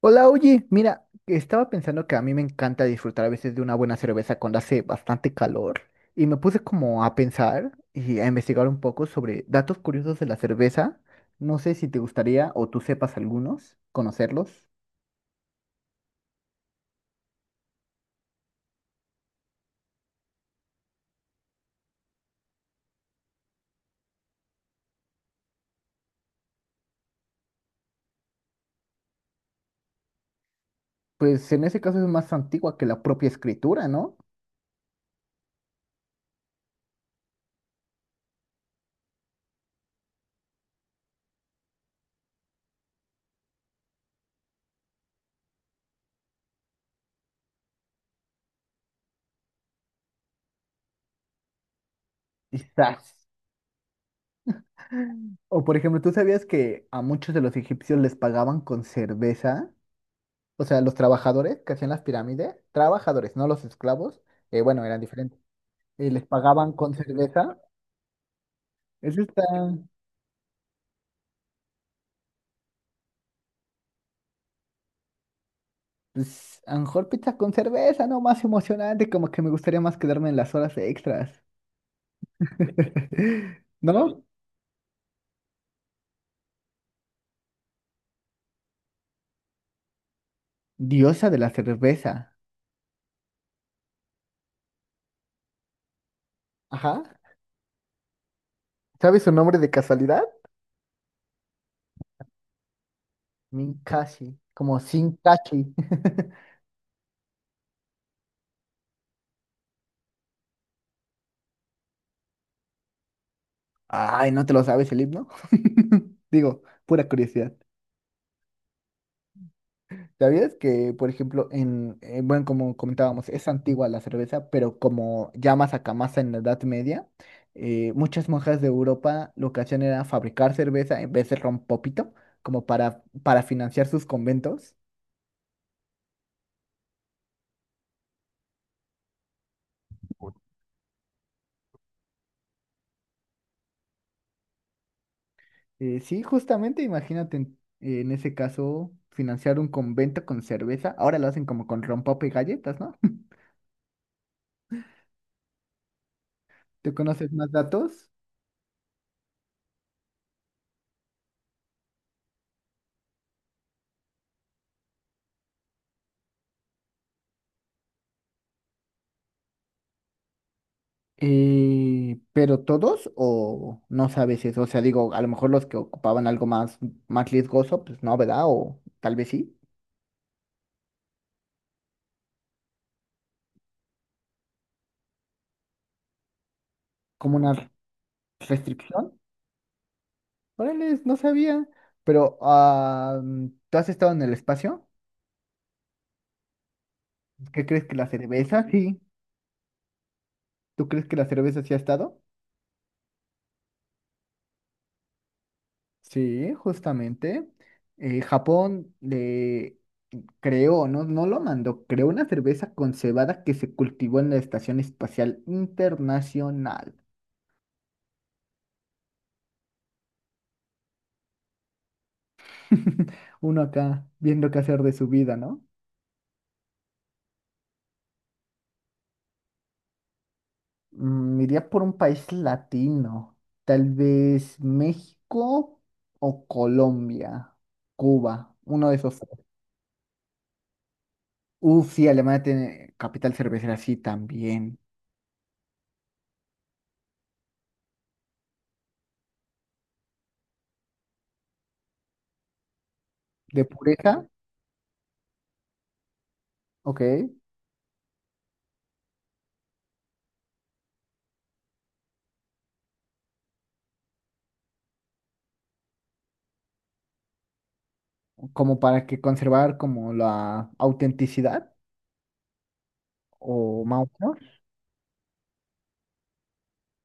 Hola, oye, mira, estaba pensando que a mí me encanta disfrutar a veces de una buena cerveza cuando hace bastante calor y me puse como a pensar y a investigar un poco sobre datos curiosos de la cerveza. No sé si te gustaría o tú sepas algunos, conocerlos. Pues en ese caso es más antigua que la propia escritura, ¿no? Quizás. O por ejemplo, ¿tú sabías que a muchos de los egipcios les pagaban con cerveza? O sea, los trabajadores que hacían las pirámides, trabajadores, no los esclavos, bueno, eran diferentes. Y les pagaban con cerveza. Eso está, pues, a lo mejor pizza con cerveza, ¿no? Más emocionante, como que me gustaría más quedarme en las horas extras. ¿No? Diosa de la cerveza. Ajá. ¿Sabes su nombre de casualidad? Minkashi, como Sinkashi. Ay, ¿no te lo sabes el himno? Digo, pura curiosidad. ¿Sabías que, por ejemplo, bueno, como comentábamos, es antigua la cerveza, pero como ya más acá, más en la Edad Media, muchas monjas de Europa lo que hacían era fabricar cerveza en vez de ron popito, como para financiar sus conventos. Sí, justamente, imagínate en ese caso, financiar un convento con cerveza. Ahora lo hacen como con rompope y galletas, ¿no? ¿Te conoces más datos? Pero todos o no sabes eso, o sea, digo, a lo mejor los que ocupaban algo más riesgoso, pues no, ¿verdad? O tal vez sí, como una restricción. Órale, no sabía, pero ah, ¿tú has estado en el espacio? ¿Qué crees que la cerveza? Sí. ¿Tú crees que la cerveza sí ha estado? Sí, justamente. Japón le creó, no, no lo mandó, creó una cerveza con cebada que se cultivó en la Estación Espacial Internacional. Uno acá viendo qué hacer de su vida, ¿no? Iría por un país latino, tal vez México o Colombia, Cuba, uno de esos tres. Uf, sí, Alemania tiene capital cervecera, sí, también. De pureza, ok, como para que conservar como la autenticidad o más o menos.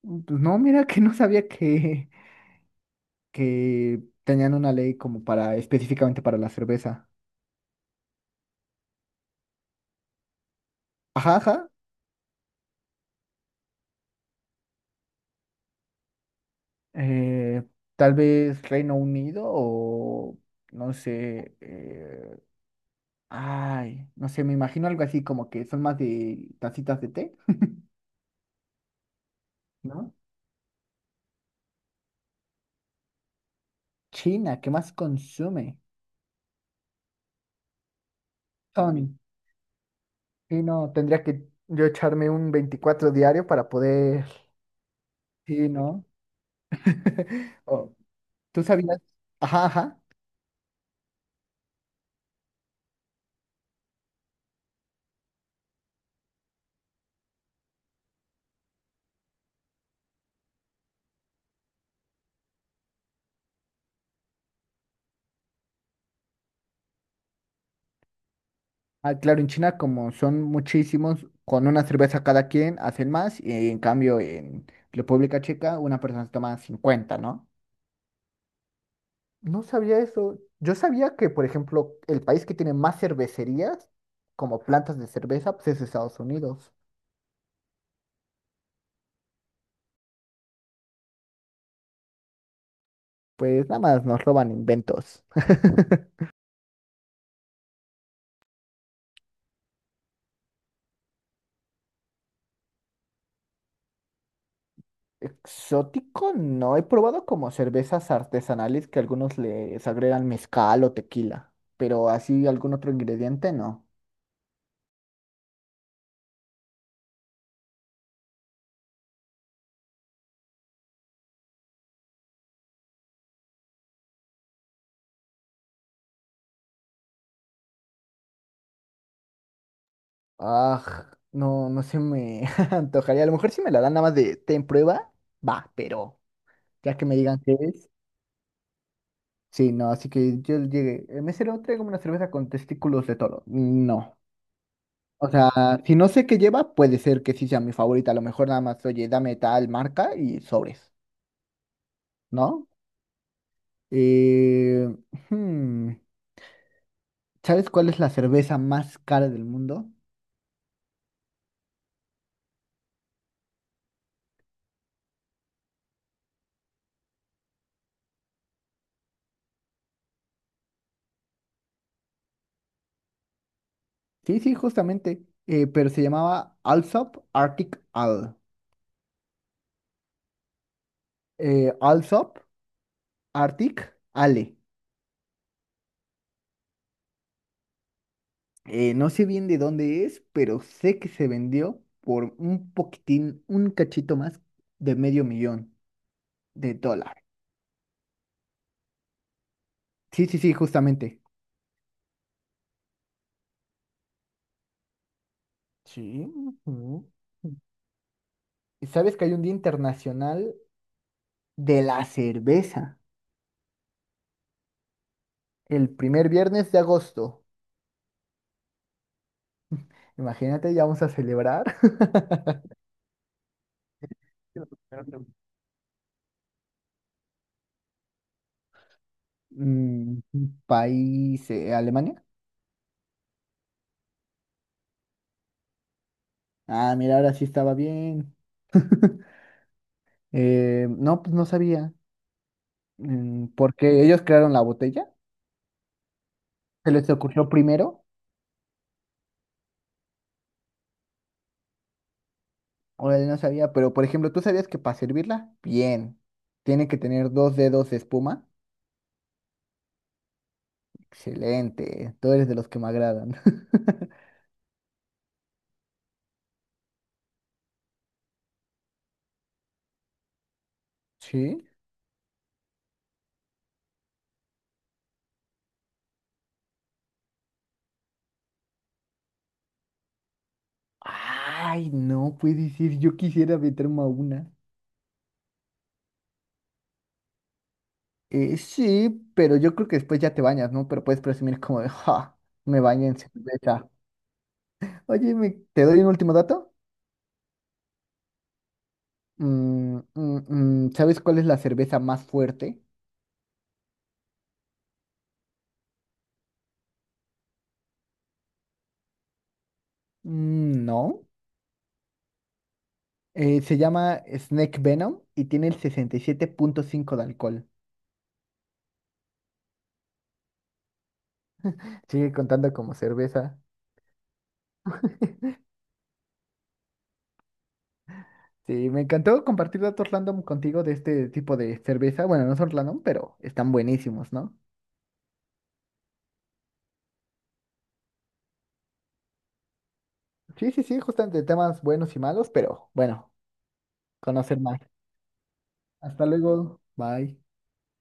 Pues no, mira que no sabía que tenían una ley como para específicamente para la cerveza. Ajá, ajá. eh, Tal vez Reino Unido o no sé, ay, no sé, me imagino algo así como que son más de tacitas de té, ¿no? China, ¿qué más consume? Son, sí, no, tendría que yo echarme un 24 diario para poder, sí, ¿no? Oh, ¿tú sabías? Ajá, ajá. Ah, claro, en China como son muchísimos, con una cerveza cada quien hacen más y en cambio en República Checa una persona se toma 50, ¿no? No sabía eso. Yo sabía que, por ejemplo, el país que tiene más cervecerías como plantas de cerveza, pues es Estados Unidos. Pues nada más nos roban inventos. Exótico, no. He probado como cervezas artesanales que algunos les agregan mezcal o tequila, pero así algún otro ingrediente no. Ah, no, no se me antojaría. A lo mejor si me la dan nada más de, ten prueba, va, pero ya que me digan qué es. Sí, no, así que yo llegué. El mesero, traigo una cerveza con testículos de toro. No. O sea, si no sé qué lleva, puede ser que sí sea mi favorita. A lo mejor nada más, oye, dame tal marca y sobres, ¿no? Eh, hmm, ¿Sabes cuál es la cerveza más cara del mundo? Sí, sí, justamente. Pero se llamaba Alsop Arctic Ale. Alsop Arctic Ale. No sé bien de dónde es, pero sé que se vendió por un poquitín, un cachito más de medio millón de dólares. Sí, sí, sí, justamente. Sí. Ujú. ¿Sabes que hay un Día Internacional de la Cerveza? El primer viernes de agosto. Imagínate, ya vamos a celebrar. Mm, País, Alemania. Ah, mira, ahora sí estaba bien. No, pues no sabía. Porque ellos crearon la botella, se les ocurrió primero, o él no sabía, pero por ejemplo, ¿tú sabías que para servirla bien tiene que tener dos dedos de espuma? Excelente, tú eres de los que me agradan. ¿Sí? Ay, no puede decir, yo quisiera meterme a una. Sí, pero yo creo que después ya te bañas, ¿no? Pero puedes presumir como de, ja, me bañé en cerveza. Oye, ¿te doy un último dato? ¿Sabes cuál es la cerveza más fuerte? Mm, no. Se llama Snake Venom y tiene el 67,5 de alcohol. Sigue contando como cerveza. Sí, me encantó compartir datos random contigo de este tipo de cerveza. Bueno, no son random, pero están buenísimos, ¿no? Sí, sí, sí, justamente temas buenos y malos, pero bueno, conocer más. Hasta luego. Bye.